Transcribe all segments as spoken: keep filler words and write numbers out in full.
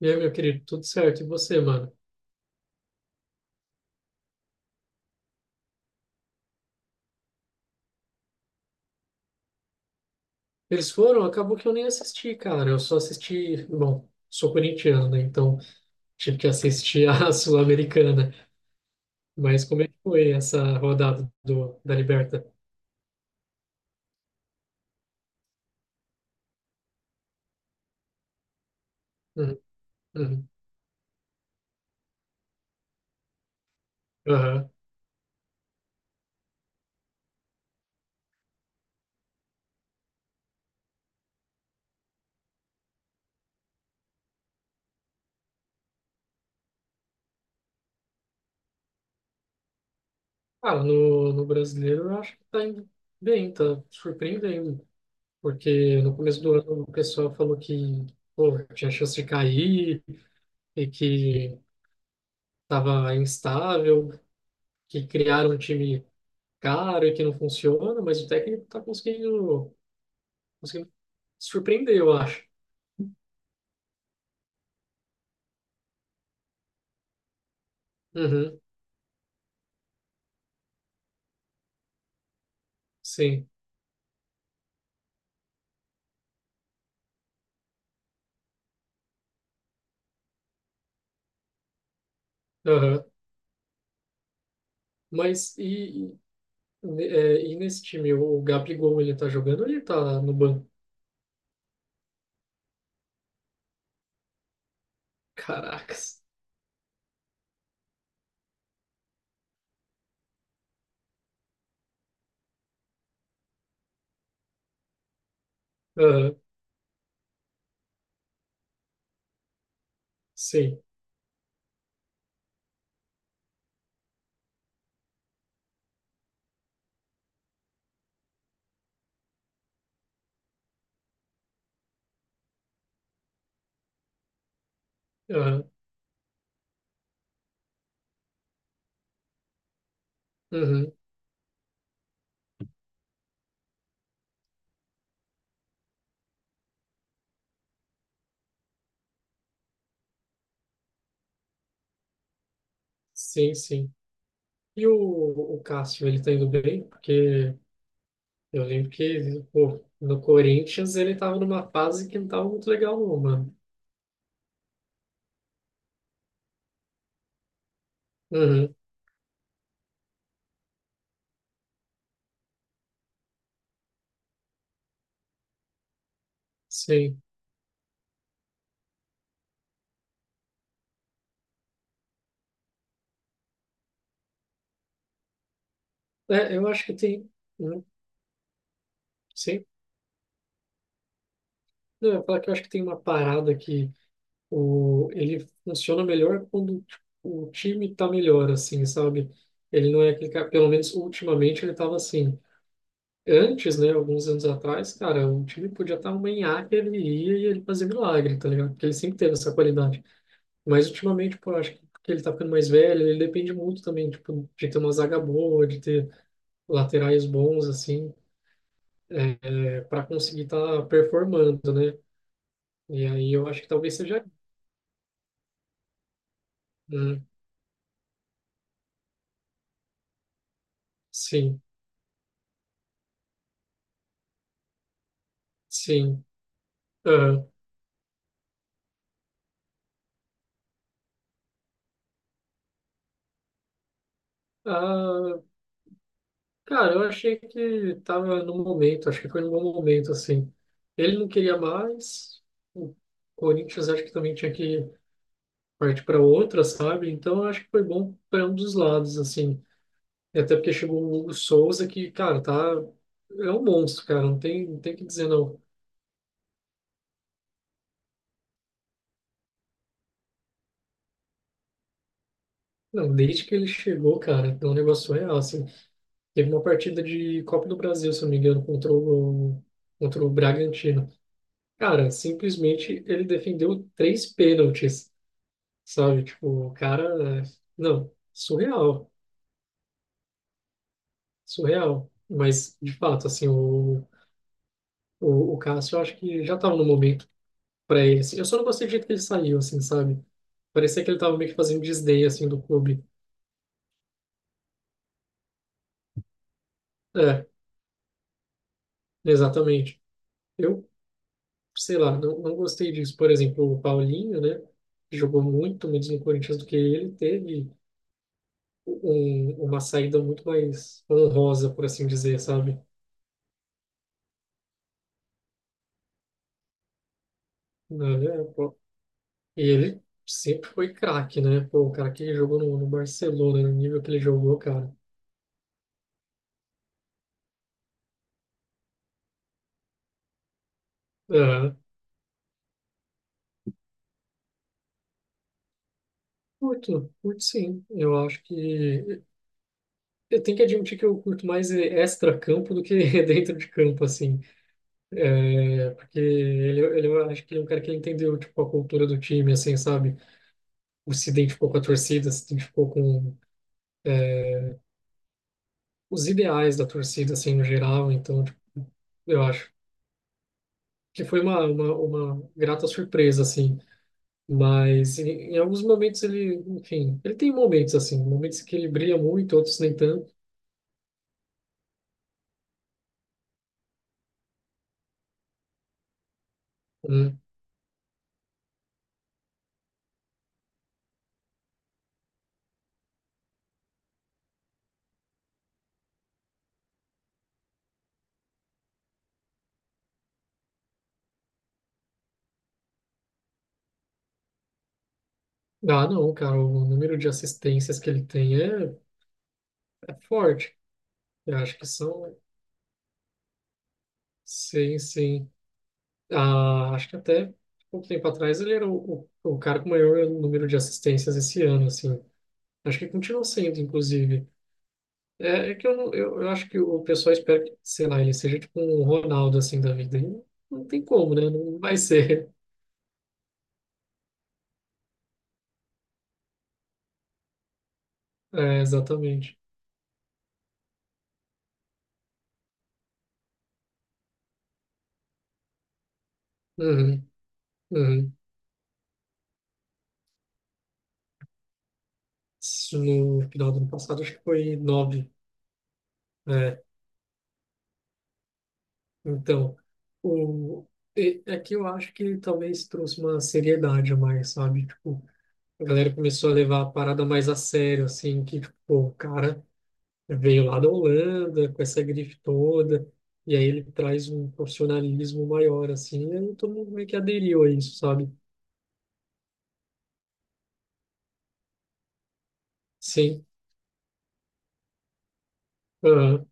E aí, meu querido, tudo certo? E você, mano? Eles foram, acabou que eu nem assisti, cara. Eu só assisti, bom, sou corintiano, né? Então tive que assistir a Sul-Americana. Mas como é que foi essa rodada do, da Liberta? Uhum, uhum, aham. Ah, no, no brasileiro eu acho que tá indo bem, tá surpreendendo. Porque no começo do ano o pessoal falou que, pô, tinha chance de cair e que tava instável, que criaram um time cara que não funciona, mas o técnico tá conseguindo, conseguindo surpreender, eu acho. Uhum, sim. Aham. Mas e, e, é, e nesse time, o Gabigol, ele tá jogando ou ele tá no banco? Caracas. Aham, sim. Aham, uhum, sim, sim. E o, o Cássio, ele tá indo bem? Porque eu lembro que, pô, no Corinthians ele tava numa fase que não tava muito legal, não, mano. Uhum, sim. É, eu acho que tem... Uhum, sim. Não, eu ia falar que eu acho que tem uma parada que o, ele funciona melhor quando tipo, o time tá melhor, assim, sabe? Ele não é aquele cara, pelo menos ultimamente ele tava assim. Antes, né, alguns anos atrás, cara, o time podia estar uma nhaca, ele ia e ele fazia milagre, tá ligado? Porque ele sempre teve essa qualidade. Mas ultimamente, pô, eu acho que porque ele tá ficando mais velho, ele depende muito também, tipo, de ter uma zaga boa, de ter laterais bons, assim, é, para conseguir estar tá performando, né? E aí eu acho que talvez seja. Uhum. Sim, sim. Aham. Ah, cara, eu achei que tava no momento, acho que foi no bom momento, assim. Ele não queria mais, o Corinthians acho que também tinha que partir para outra, sabe? Então eu acho que foi bom para um dos lados, assim. E até porque chegou o Hugo Souza, que, cara, tá. É um monstro, cara, não tem, não tem o que dizer, não. Não, desde que ele chegou, cara, é um negócio real, assim. Teve uma partida de Copa do Brasil, se eu não me engano, contra o, contra o Bragantino. Cara, simplesmente ele defendeu três pênaltis, sabe? Tipo, o cara, é. Não, surreal, surreal. Mas, de fato, assim, o, o, o Cássio, eu acho que já tava no momento pra ele, assim. Eu só não gostei do jeito que ele saiu, assim, sabe? Parecia que ele tava meio que fazendo desdém, assim, do clube. É, exatamente. Eu, sei lá, não, não gostei disso. Por exemplo, o Paulinho, né? Jogou muito menos no Corinthians do que ele, teve um, uma saída muito mais honrosa, por assim dizer, sabe? Né? Pô, e ele sempre foi craque, né? Pô, o cara que jogou no, no Barcelona, no nível que ele jogou, cara. É, curto, curto sim. Eu acho que. Eu tenho que admitir que eu curto mais extra-campo do que dentro de campo, assim. É, porque ele, ele, eu acho que ele é um cara que entendeu, tipo, a cultura do time, assim, sabe? O se identificou com a torcida, se identificou com é, os ideais da torcida, assim, no geral. Então, tipo, eu acho que foi uma, uma, uma grata surpresa, assim. Mas em, em alguns momentos ele, enfim, ele tem momentos assim, momentos que ele brilha muito, outros nem tanto, né? Ah, não, cara, o número de assistências que ele tem é, é forte. Eu acho que são, sim, sim. Ah, acho que até pouco tempo atrás ele era o, o, o cara com o maior número de assistências esse ano, assim. Acho que continua sendo, inclusive. É, é que eu, não- eu, eu acho que o pessoal espera que, sei lá, ele seja tipo um Ronaldo, assim, da vida. E não tem como, né? Não vai ser. É, exatamente. Uhum, uhum. Isso no final do ano passado, acho que foi nove. É, então, o, e- é que eu acho que talvez trouxe uma seriedade a mais, sabe? Tipo, a galera começou a levar a parada mais a sério, assim, que, tipo, pô, o cara veio lá da Holanda com essa grife toda, e aí ele traz um profissionalismo maior, assim, e aí todo mundo meio que aderiu a isso, sabe? Sim, aham,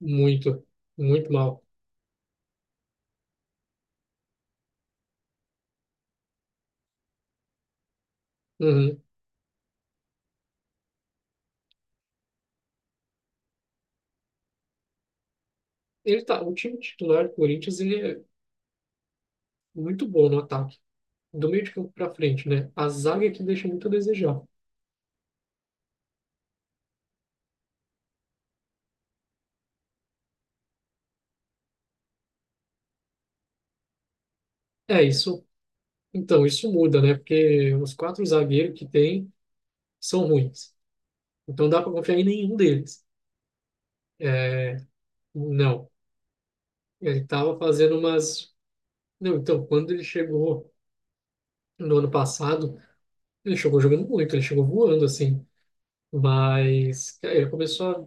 muito, muito mal. Uhum. Ele tá, o time titular do Corinthians, ele é muito bom no ataque. Do meio de campo para frente, né? A zaga é que deixa muito a desejar. É isso. Então, isso muda, né? Porque os quatro zagueiros que tem são ruins. Então, dá para confiar em nenhum deles. É, não. Ele estava fazendo umas. Não, então, quando ele chegou no ano passado, ele chegou jogando muito, ele chegou voando, assim. Mas cara, ele começou a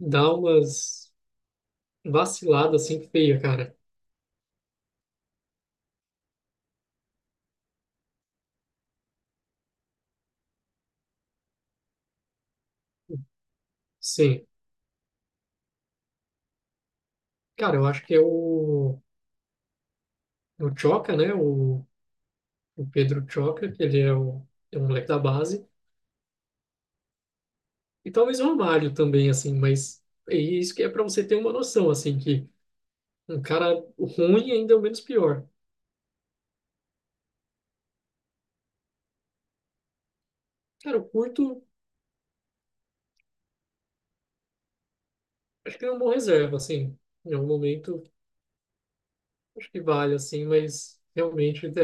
dar umas vaciladas, assim, feia, cara. Sim. Cara, eu acho que é o. O Choca, né? O o Pedro Choca, que ele é, o, é um moleque da base, e talvez o Romário também, assim, mas é isso que é para você ter uma noção, assim, que um cara ruim ainda é o menos pior. Cara, o Curto, acho que é um bom reserva, assim, em algum momento, acho que vale, assim, mas realmente é,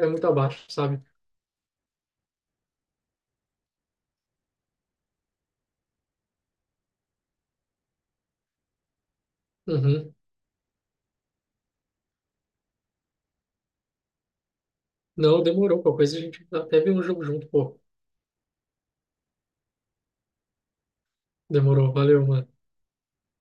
é, é muito abaixo, sabe? Uhum. Não, demorou, qualquer coisa a gente até vê um jogo junto, pô. Demorou, valeu, mano.